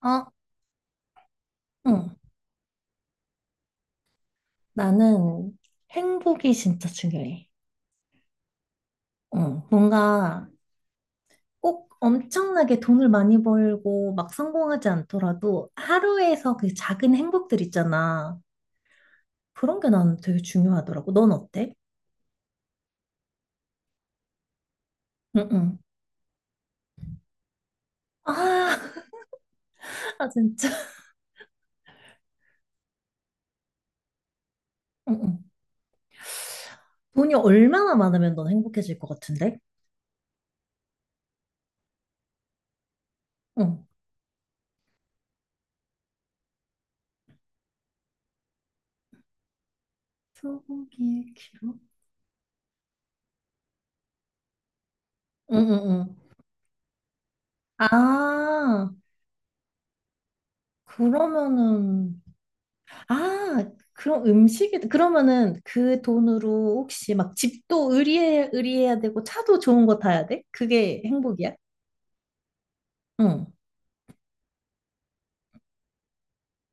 아, 응. 나는 행복이 진짜 중요해. 응. 뭔가 꼭 엄청나게 돈을 많이 벌고 막 성공하지 않더라도 하루에서 그 작은 행복들 있잖아. 그런 게 나는 되게 중요하더라고. 넌 어때? 응, 응. 아, 아, 진짜. 응, 응. 돈이 얼마나 많으면 넌 행복해질 것 같은데? 응. 소고기의 키로? 응, 응, 응. 아, 그러면은 아, 그럼 음식이, 그러면은 그 돈으로 혹시 막 집도 의리해야 되고 차도 좋은 거 타야 돼? 그게 행복이야? 응,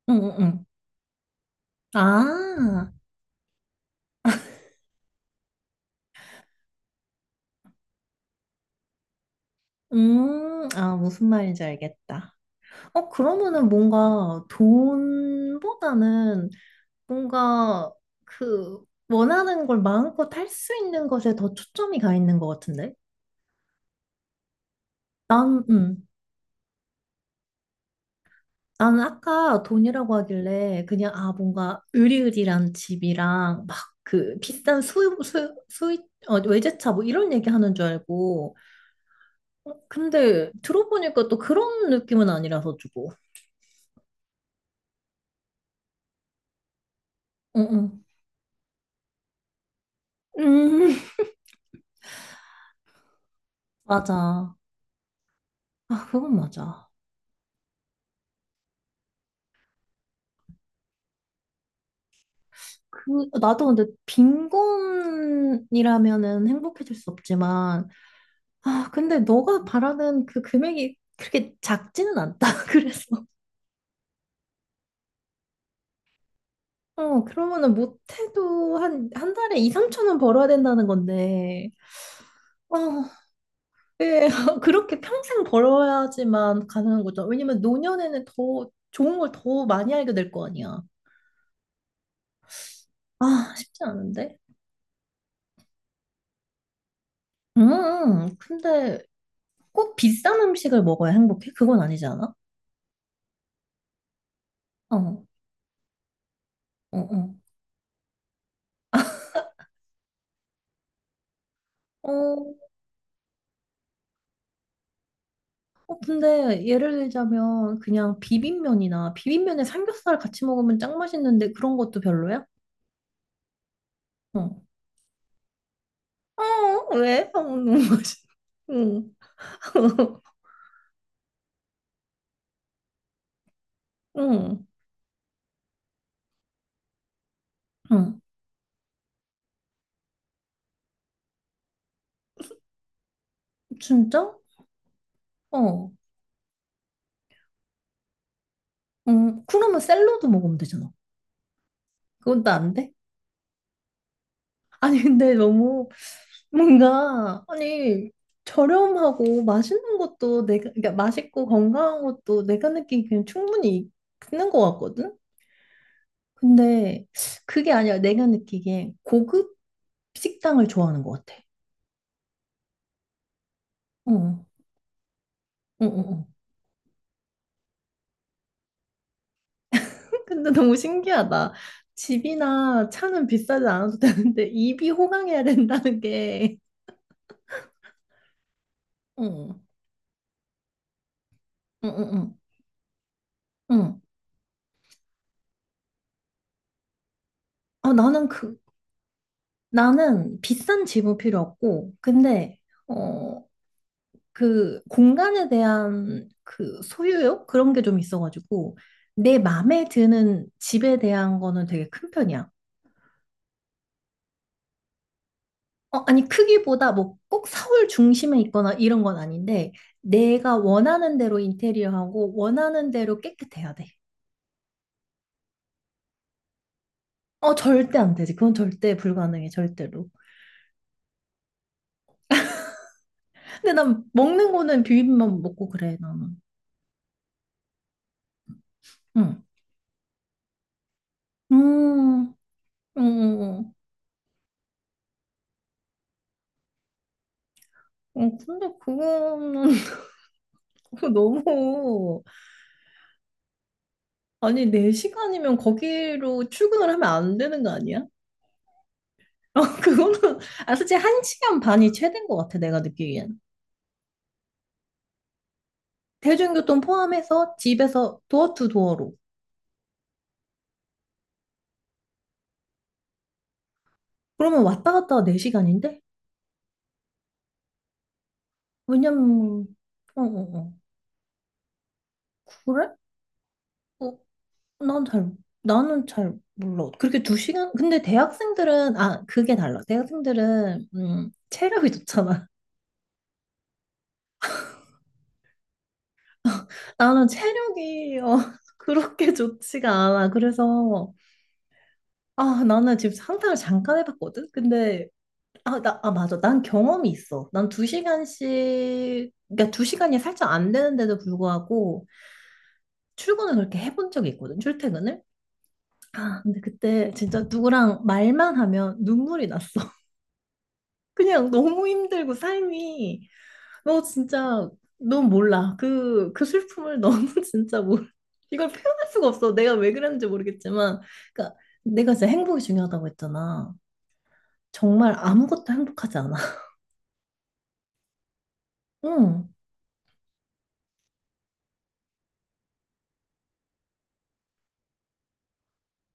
응, 응, 응. 아, 아, 무슨 말인지 알겠다. 어, 그러면은 뭔가 돈보다는 뭔가 그 원하는 걸 마음껏 할 수 있는 것에 더 초점이 가 있는 것 같은데? 난, 응. 나는 아까 돈이라고 하길래 그냥 아 뭔가 으리으리한 집이랑 막 그 비싼 어, 외제차 뭐 이런 얘기 하는 줄 알고 어, 근데 들어보니까 또 그런 느낌은 아니라서 주고 응응 음. 맞아 아 그건 맞아 그 나도 근데 빈곤이라면은 행복해질 수 없지만 아 근데 너가 바라는 그 금액이 그렇게 작지는 않다 그래서 어, 그러면은 못해도 한 달에 2, 3천 원 벌어야 된다는 건데, 어, 예, 그렇게 평생 벌어야지만 가능한 거죠. 왜냐면 노년에는 더 좋은 걸 더 많이 알게 될 거 아니야. 아, 쉽지 않은데? 근데 꼭 비싼 음식을 먹어야 행복해? 그건 아니지 않아? 어, 어, 어. 어, 어, 근데 예를 들자면 그냥 비빔면이나 비빔면에 삼겹살 같이 먹으면 짱 맛있는데 그런 것도 별로야? 어. 어, 왜? 어, 너무 맛있. 응. 응. 응. 진짜? 어. 응. 그러면 샐러드 먹으면 되잖아. 그건 또 안 돼? 아니, 근데 너무 뭔가 아니 저렴하고 맛있는 것도 내가 그러니까 맛있고 건강한 것도 내가 느끼기엔 충분히 있는 것 같거든. 근데 그게 아니라 내가 느끼기엔 고급 식당을 좋아하는 것 같아. 어. 어, 어, 어. 근데 너무 신기하다. 집이나 차는 비싸지 않아도 되는데 입이 호강해야 된다는 게. 응, 응, 응, 응. 응. 아, 나는 그 나는 비싼 집은 필요 없고, 근데 어 그 공간에 대한 그 소유욕 그런 게 좀 있어가지고 내 마음에 드는 집에 대한 거는 되게 큰 편이야. 어, 아니 크기보다 뭐 꼭 서울 중심에 있거나 이런 건 아닌데 내가 원하는 대로 인테리어하고 원하는 대로 깨끗해야 돼. 어, 절대 안 되지. 그건 절대 불가능해, 절대로. 근데 난 먹는 거는 비빔밥 먹고 그래, 나는. 응. 음, 어, 어, 근데 그거는 그거 너무, 아니, 네 시간이면 거기로 출근을 하면 안 되는 거 아니야? 어, 그거는, 아, 솔직히 한 시간 반이 최대인 것 같아, 내가 느끼기엔. 대중교통 포함해서 집에서 도어 투 도어로. 그러면 왔다 갔다 네 시간인데 왜냐면, 어, 어, 어. 그래? 어, 난 잘, 나는 잘 몰라. 그렇게 두 시간? 근데 대학생들은, 아, 그게 달라. 대학생들은, 체력이 좋잖아. 나는 체력이, 어, 그렇게 좋지가 않아. 그래서, 아, 나는 지금 상상을 잠깐 해봤거든? 근데, 아, 나, 아, 맞아. 난 경험이 있어. 난 두 시간씩, 그러니까 두 시간이 살짝 안 되는데도 불구하고, 출근을 그렇게 해본 적이 있거든, 출퇴근을. 아, 근데 그때 진짜 누구랑 말만 하면 눈물이 났어. 그냥 너무 힘들고 삶이 너 진짜 넌 몰라 그 슬픔을 너무 진짜 모 이걸 표현할 수가 없어 내가 왜 그랬는지 모르겠지만 그러니까 내가 진짜 행복이 중요하다고 했잖아 정말 아무것도 행복하지 않아 응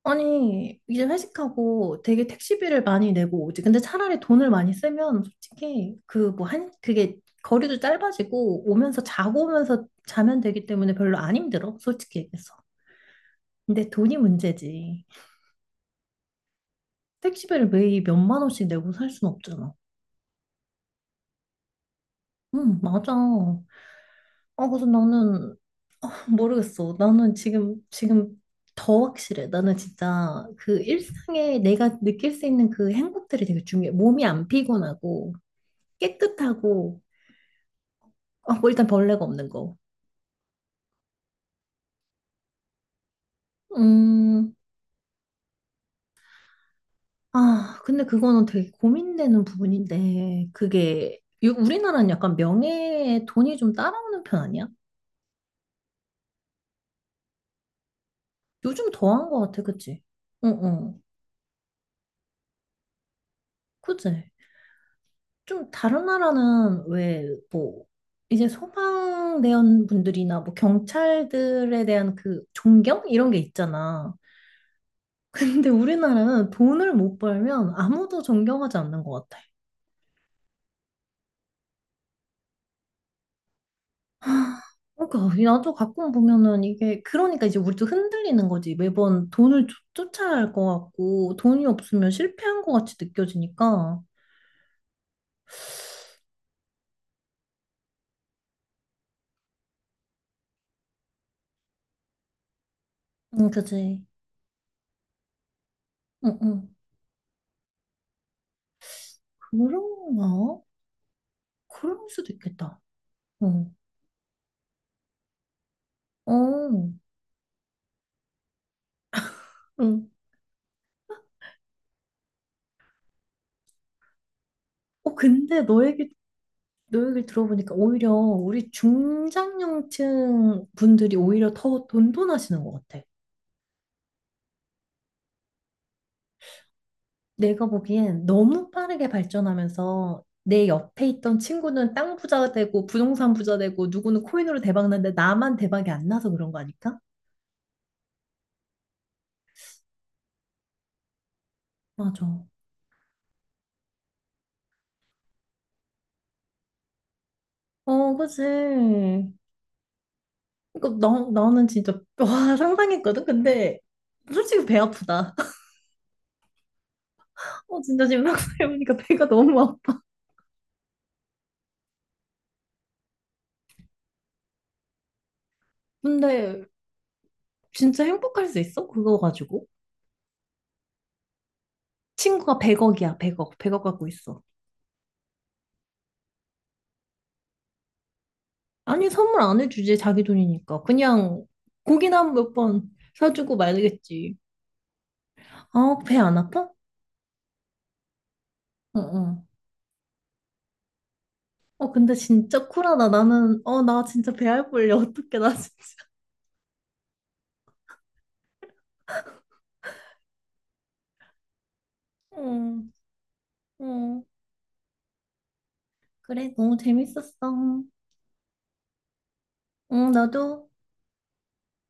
아니 이제 회식하고 되게 택시비를 많이 내고 오지 근데 차라리 돈을 많이 쓰면 솔직히 그 뭐 한 그게 거리도 짧아지고 오면서 자고 오면서 자면 되기 때문에 별로 안 힘들어 솔직히 얘기해서 근데 돈이 문제지 택시비를 매일 몇만 원씩 내고 살 순 없잖아. 응, 맞아. 아, 그래서 나는 모르겠어. 나는 지금 더 확실해. 나는 진짜 그 일상에 내가 느낄 수 있는 그 행복들이 되게 중요해. 몸이 안 피곤하고, 깨끗하고, 아, 뭐 일단 벌레가 없는 거. 음, 아, 근데 그거는 되게 고민되는 부분인데, 그게, 우리나라는 약간 명예에 돈이 좀 따라오는 편 아니야? 요즘 더한 것 같아, 그치? 응, 응. 그치? 좀 다른 나라는 왜 뭐 이제 소방대원 분들이나 뭐 경찰들에 대한 그 존경 이런 게 있잖아. 근데 우리나라는 돈을 못 벌면 아무도 존경하지 않는 것 같아. 하, 그러니까 나도 가끔 보면은 이게 그러니까 이제 우리도 흔들리는 거지. 매번 돈을 쫓아야 할 것 같고 돈이 없으면 실패한 것 같이 느껴지니까. 응, 그지. 응, 응. 그런가? 그럴 수도 있겠다. 응. 어. 응. 어, 근데 너 얘기 들어보니까 오히려 우리 중장년층 분들이 오히려 더 돈돈하시는 것 같아. 내가 보기엔 너무 빠르게 발전하면서 내 옆에 있던 친구는 땅 부자 되고 부동산 부자 되고 누구는 코인으로 대박 났는데 나만 대박이 안 나서 그런 거 아닐까? 맞아. 어, 그지. 그러니까 나는 진짜 와, 상상했거든. 근데 솔직히 배 아프다. 어, 진짜 지금 막상 해보니까 배가 너무 아파. 근데 진짜 행복할 수 있어? 그거 가지고? 친구가 100억이야, 100억. 100억 갖고 있어. 아니, 선물 안 해주지, 자기 돈이니까. 그냥 고기나 몇 번 사주고 말겠지. 아, 배 안 아파? 어, 어. 어, 근데 진짜 쿨하다. 나는, 어, 나 진짜 배 알뿔려. 어떡해, 나 진짜. 응, 응. 그래, 너무 재밌었어. 응, 나도.